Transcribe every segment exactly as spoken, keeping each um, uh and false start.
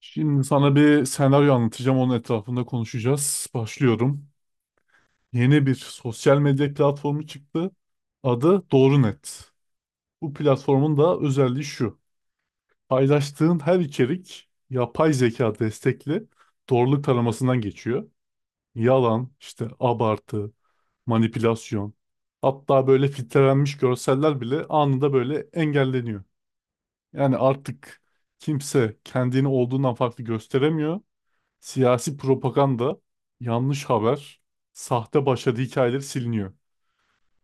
Şimdi sana bir senaryo anlatacağım. Onun etrafında konuşacağız. Başlıyorum. Yeni bir sosyal medya platformu çıktı. Adı DoğruNet. Bu platformun da özelliği şu. Paylaştığın her içerik yapay zeka destekli doğruluk taramasından geçiyor. Yalan, işte abartı, manipülasyon. Hatta böyle filtrelenmiş görseller bile anında böyle engelleniyor. Yani artık kimse kendini olduğundan farklı gösteremiyor. Siyasi propaganda, yanlış haber, sahte başarı hikayeleri siliniyor.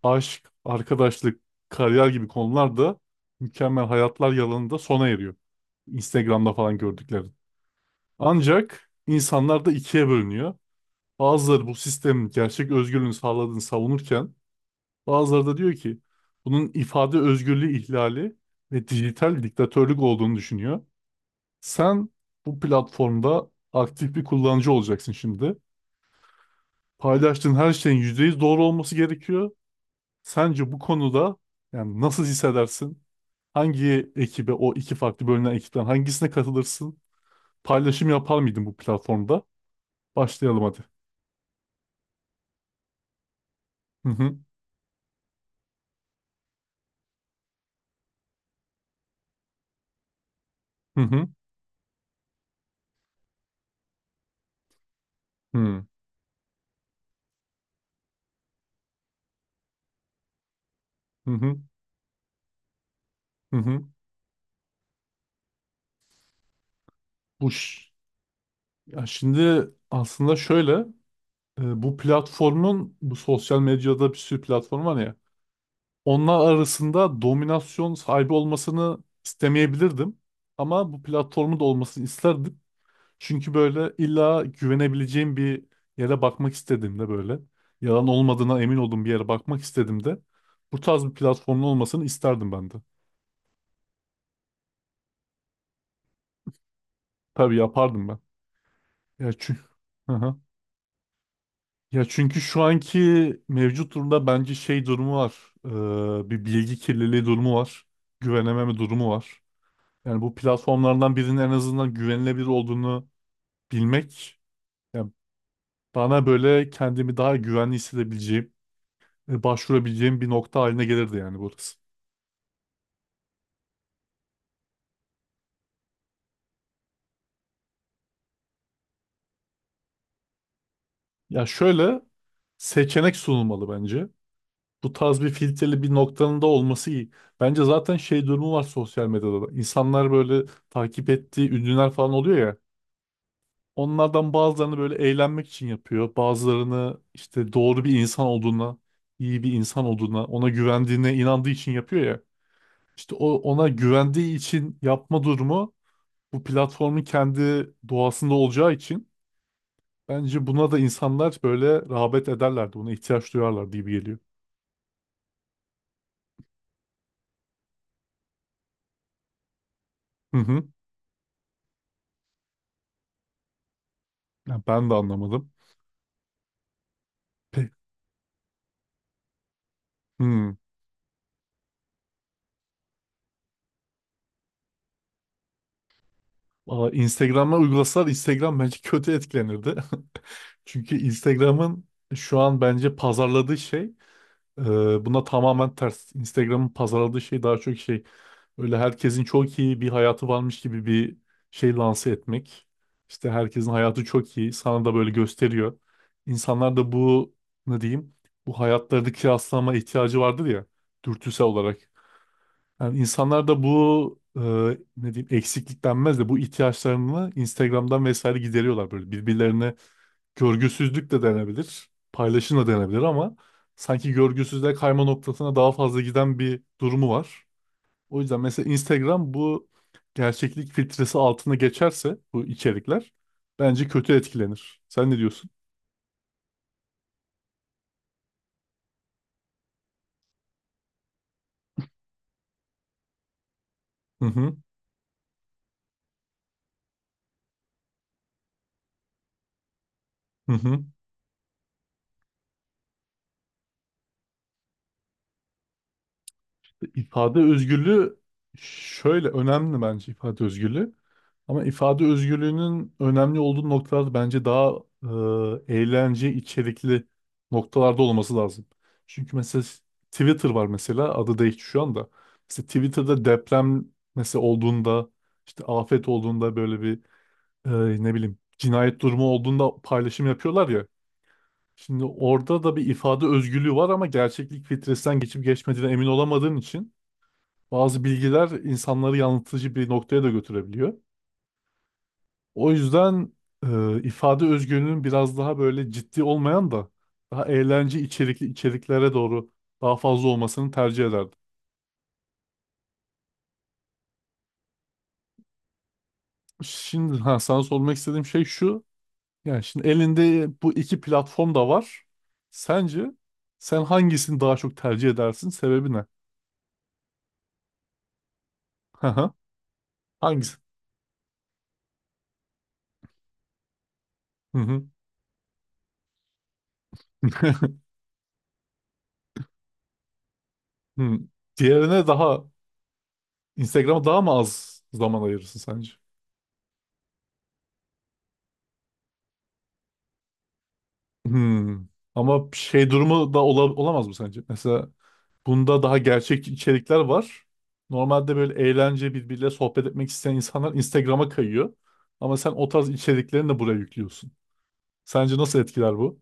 Aşk, arkadaşlık, kariyer gibi konular da mükemmel hayatlar yalanında sona eriyor. Instagram'da falan gördüklerin. Ancak insanlar da ikiye bölünüyor. Bazıları bu sistemin gerçek özgürlüğünü sağladığını savunurken bazıları da diyor ki bunun ifade özgürlüğü ihlali ve dijital diktatörlük olduğunu düşünüyor. Sen bu platformda aktif bir kullanıcı olacaksın şimdi. Paylaştığın her şeyin yüzde yüz doğru olması gerekiyor. Sence bu konuda yani nasıl hissedersin? Hangi ekibe, o iki farklı bölünen ekipten hangisine katılırsın? Paylaşım yapar mıydın bu platformda? Başlayalım hadi. Hı hı, hı hı, hı hı, hı. Hı hı. Bu ş- ya şimdi aslında şöyle, e, bu platformun, bu sosyal medyada bir sürü platform var ya, onlar arasında dominasyon sahibi olmasını istemeyebilirdim ama bu platformun da olmasını isterdim. Çünkü böyle illa güvenebileceğim bir yere bakmak istediğimde, böyle yalan olmadığına emin olduğum bir yere bakmak istediğimde, bu tarz bir platformun olmasını isterdim ben de. Tabii yapardım ben. Ya çünkü. Hı hı. Ya çünkü şu anki mevcut durumda bence şey durumu var. Ee, bir bilgi kirliliği durumu var. Güvenememe durumu var. Yani bu platformlardan birinin en azından güvenilebilir olduğunu bilmek, yani bana böyle kendimi daha güvenli hissedebileceğim, e, başvurabileceğim bir nokta haline gelirdi yani burası. Ya şöyle, seçenek sunulmalı bence. Bu tarz bir filtreli bir noktanın da olması iyi. Bence zaten şey durumu var sosyal medyada da. İnsanlar böyle takip ettiği ünlüler falan oluyor ya. Onlardan bazılarını böyle eğlenmek için yapıyor. Bazılarını işte doğru bir insan olduğuna, iyi bir insan olduğuna, ona güvendiğine inandığı için yapıyor ya. İşte o ona güvendiği için yapma durumu bu platformun kendi doğasında olacağı için, bence buna da insanlar böyle rağbet ederlerdi. Buna ihtiyaç duyarlardı gibi geliyor. Hı hı. Ya ben de anlamadım. Pe hı. Valla Instagram'a uygulasalar Instagram bence kötü etkilenirdi. Çünkü Instagram'ın şu an bence pazarladığı şey, Ee, buna tamamen ters. Instagram'ın pazarladığı şey daha çok şey, öyle herkesin çok iyi bir hayatı varmış gibi bir şey lanse etmek. İşte herkesin hayatı çok iyi. Sana da böyle gösteriyor. İnsanlar da bu, ne diyeyim, bu hayatlarını kıyaslama ihtiyacı vardır ya, dürtüsel olarak. Yani insanlar da bu, e, ne diyeyim, eksiklik denmez de bu ihtiyaçlarını Instagram'dan vesaire gideriyorlar, böyle birbirlerine görgüsüzlük de denebilir, paylaşım da denebilir ama sanki görgüsüzlüğe kayma noktasına daha fazla giden bir durumu var. O yüzden mesela Instagram bu gerçeklik filtresi altına geçerse bu içerikler bence kötü etkilenir. Sen ne diyorsun? Hı hı, hı hı. İfade özgürlüğü şöyle önemli bence, ifade özgürlüğü. Ama ifade özgürlüğünün önemli olduğu noktalar bence daha, e, eğlence içerikli noktalarda olması lazım. Çünkü mesela Twitter var mesela, adı değişti şu anda. Mesela Twitter'da deprem mesela olduğunda, işte afet olduğunda, böyle bir, e, ne bileyim, cinayet durumu olduğunda paylaşım yapıyorlar ya. Şimdi orada da bir ifade özgürlüğü var ama gerçeklik filtresinden geçip geçmediğine emin olamadığın için bazı bilgiler insanları yanıltıcı bir noktaya da götürebiliyor. O yüzden e, ifade özgürlüğünün biraz daha böyle ciddi olmayan da daha eğlence içerikli içeriklere doğru daha fazla olmasını tercih ederdim. Şimdi ha, sana sormak istediğim şey şu. Yani şimdi elinde bu iki platform da var. Sence sen hangisini daha çok tercih edersin? Sebebi ne? Hı hı. Hangisi? Hı hı. Hı. Diğerine daha, Instagram'a daha mı az zaman ayırırsın sence? Hmm. Ama şey durumu da ola- olamaz mı sence? Mesela, bunda daha gerçek içerikler var. Normalde böyle eğlence, birbiriyle sohbet etmek isteyen insanlar Instagram'a kayıyor. Ama sen o tarz içeriklerini de buraya yüklüyorsun. Sence nasıl etkiler bu?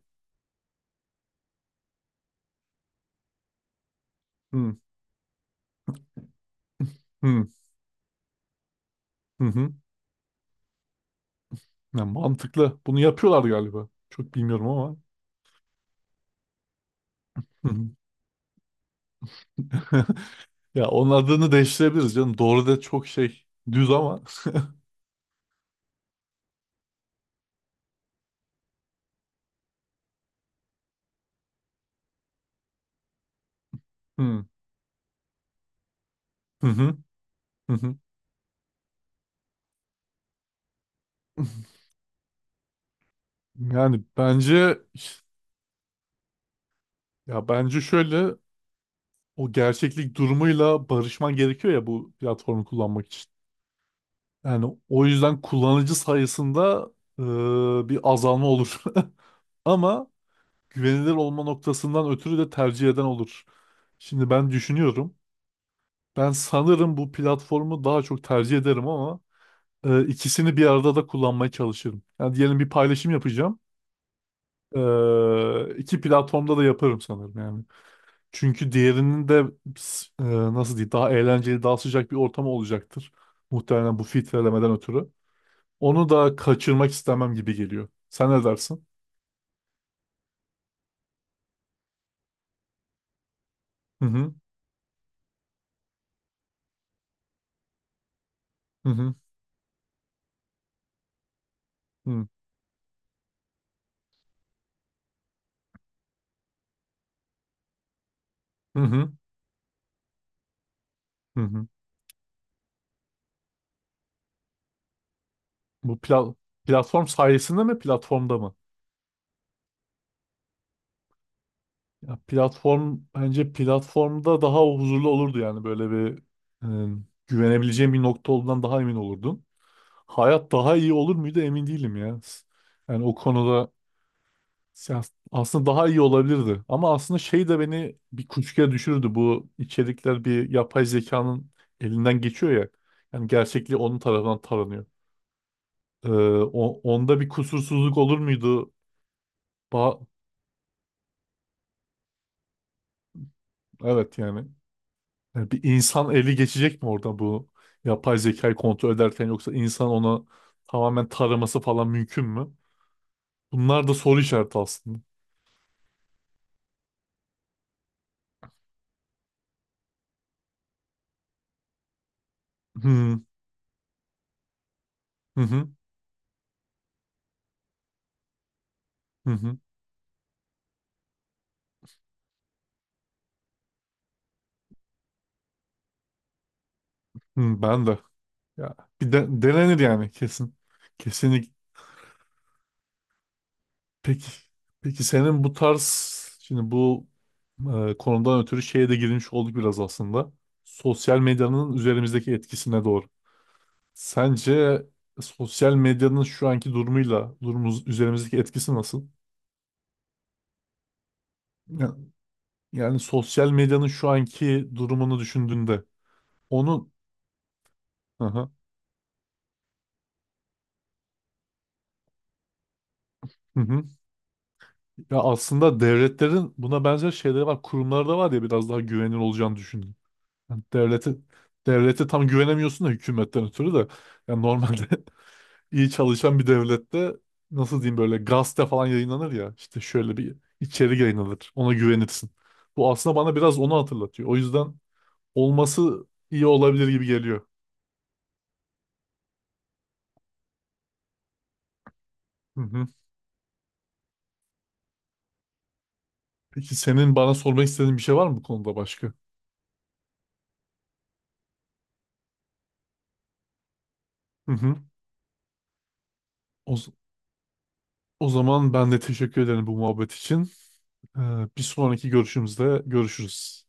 Hı hı, hı hı. Ya mantıklı. Bunu yapıyorlar galiba. Çok bilmiyorum ama. Hı hı. Ya onun adını değiştirebiliriz canım. Doğru da çok şey, düz ama. Hı hı, hı hı. Hı. Yani bence, ya bence şöyle, o gerçeklik durumuyla barışman gerekiyor ya bu platformu kullanmak için. Yani o yüzden kullanıcı sayısında e, bir azalma olur. Ama güvenilir olma noktasından ötürü de tercih eden olur. Şimdi ben düşünüyorum. Ben sanırım bu platformu daha çok tercih ederim ama e, ikisini bir arada da kullanmaya çalışırım. Yani diyelim bir paylaşım yapacağım. E, iki platformda da yaparım sanırım yani. Çünkü diğerinin de, e, nasıl diyeyim, daha eğlenceli, daha sıcak bir ortamı olacaktır. Muhtemelen bu filtrelemeden ötürü. Onu da kaçırmak istemem gibi geliyor. Sen ne dersin? Hı hı, hı hı, hı hı, hı. Hı hı. Bu pla- Platform sayesinde mi, platformda mı? Ya platform, bence platformda daha huzurlu olurdu, yani böyle bir, e, güvenebileceğim bir nokta olduğundan daha emin olurdum. Hayat daha iyi olur muydu emin değilim ya. Yani o konuda, ya, aslında daha iyi olabilirdi. Ama aslında şey de beni bir kuşkuya düşürdü. Bu içerikler bir yapay zekanın elinden geçiyor ya. Yani gerçekliği onun tarafından taranıyor. Ee, o- onda bir kusursuzluk olur muydu? Ba- evet yani. Yani bir insan eli geçecek mi orada, bu yapay zekayı kontrol ederken, yoksa insan onu tamamen taraması falan mümkün mü? Bunlar da soru işareti aslında. Hmm. Hı hı, hı hı, hı, ben de. Ya, bir de, denenir yani kesin. Kesinlikle. Peki, peki senin bu tarz, şimdi bu, e, konudan ötürü şeye de girmiş olduk biraz aslında. Sosyal medyanın üzerimizdeki etkisine doğru. Sence sosyal medyanın şu anki durumuyla durumumuz, üzerimizdeki etkisi nasıl? Ya- Yani, sosyal medyanın şu anki durumunu düşündüğünde onun. Hı hı, hı hı. Ya aslında devletlerin buna benzer şeyleri var. Kurumlarda var ya, biraz daha güvenilir olacağını düşündüm. Yani devlete devlete tam güvenemiyorsun da hükümetten ötürü de, yani normalde iyi çalışan bir devlette, nasıl diyeyim, böyle gazete falan yayınlanır ya, işte şöyle bir içerik yayınlanır, ona güvenirsin. Bu aslında bana biraz onu hatırlatıyor. O yüzden olması iyi olabilir gibi geliyor. Hı hı. Peki senin bana sormak istediğin bir şey var mı bu konuda başka? Hı hı. O, z- O zaman ben de teşekkür ederim bu muhabbet için. Ee, Bir sonraki görüşümüzde görüşürüz.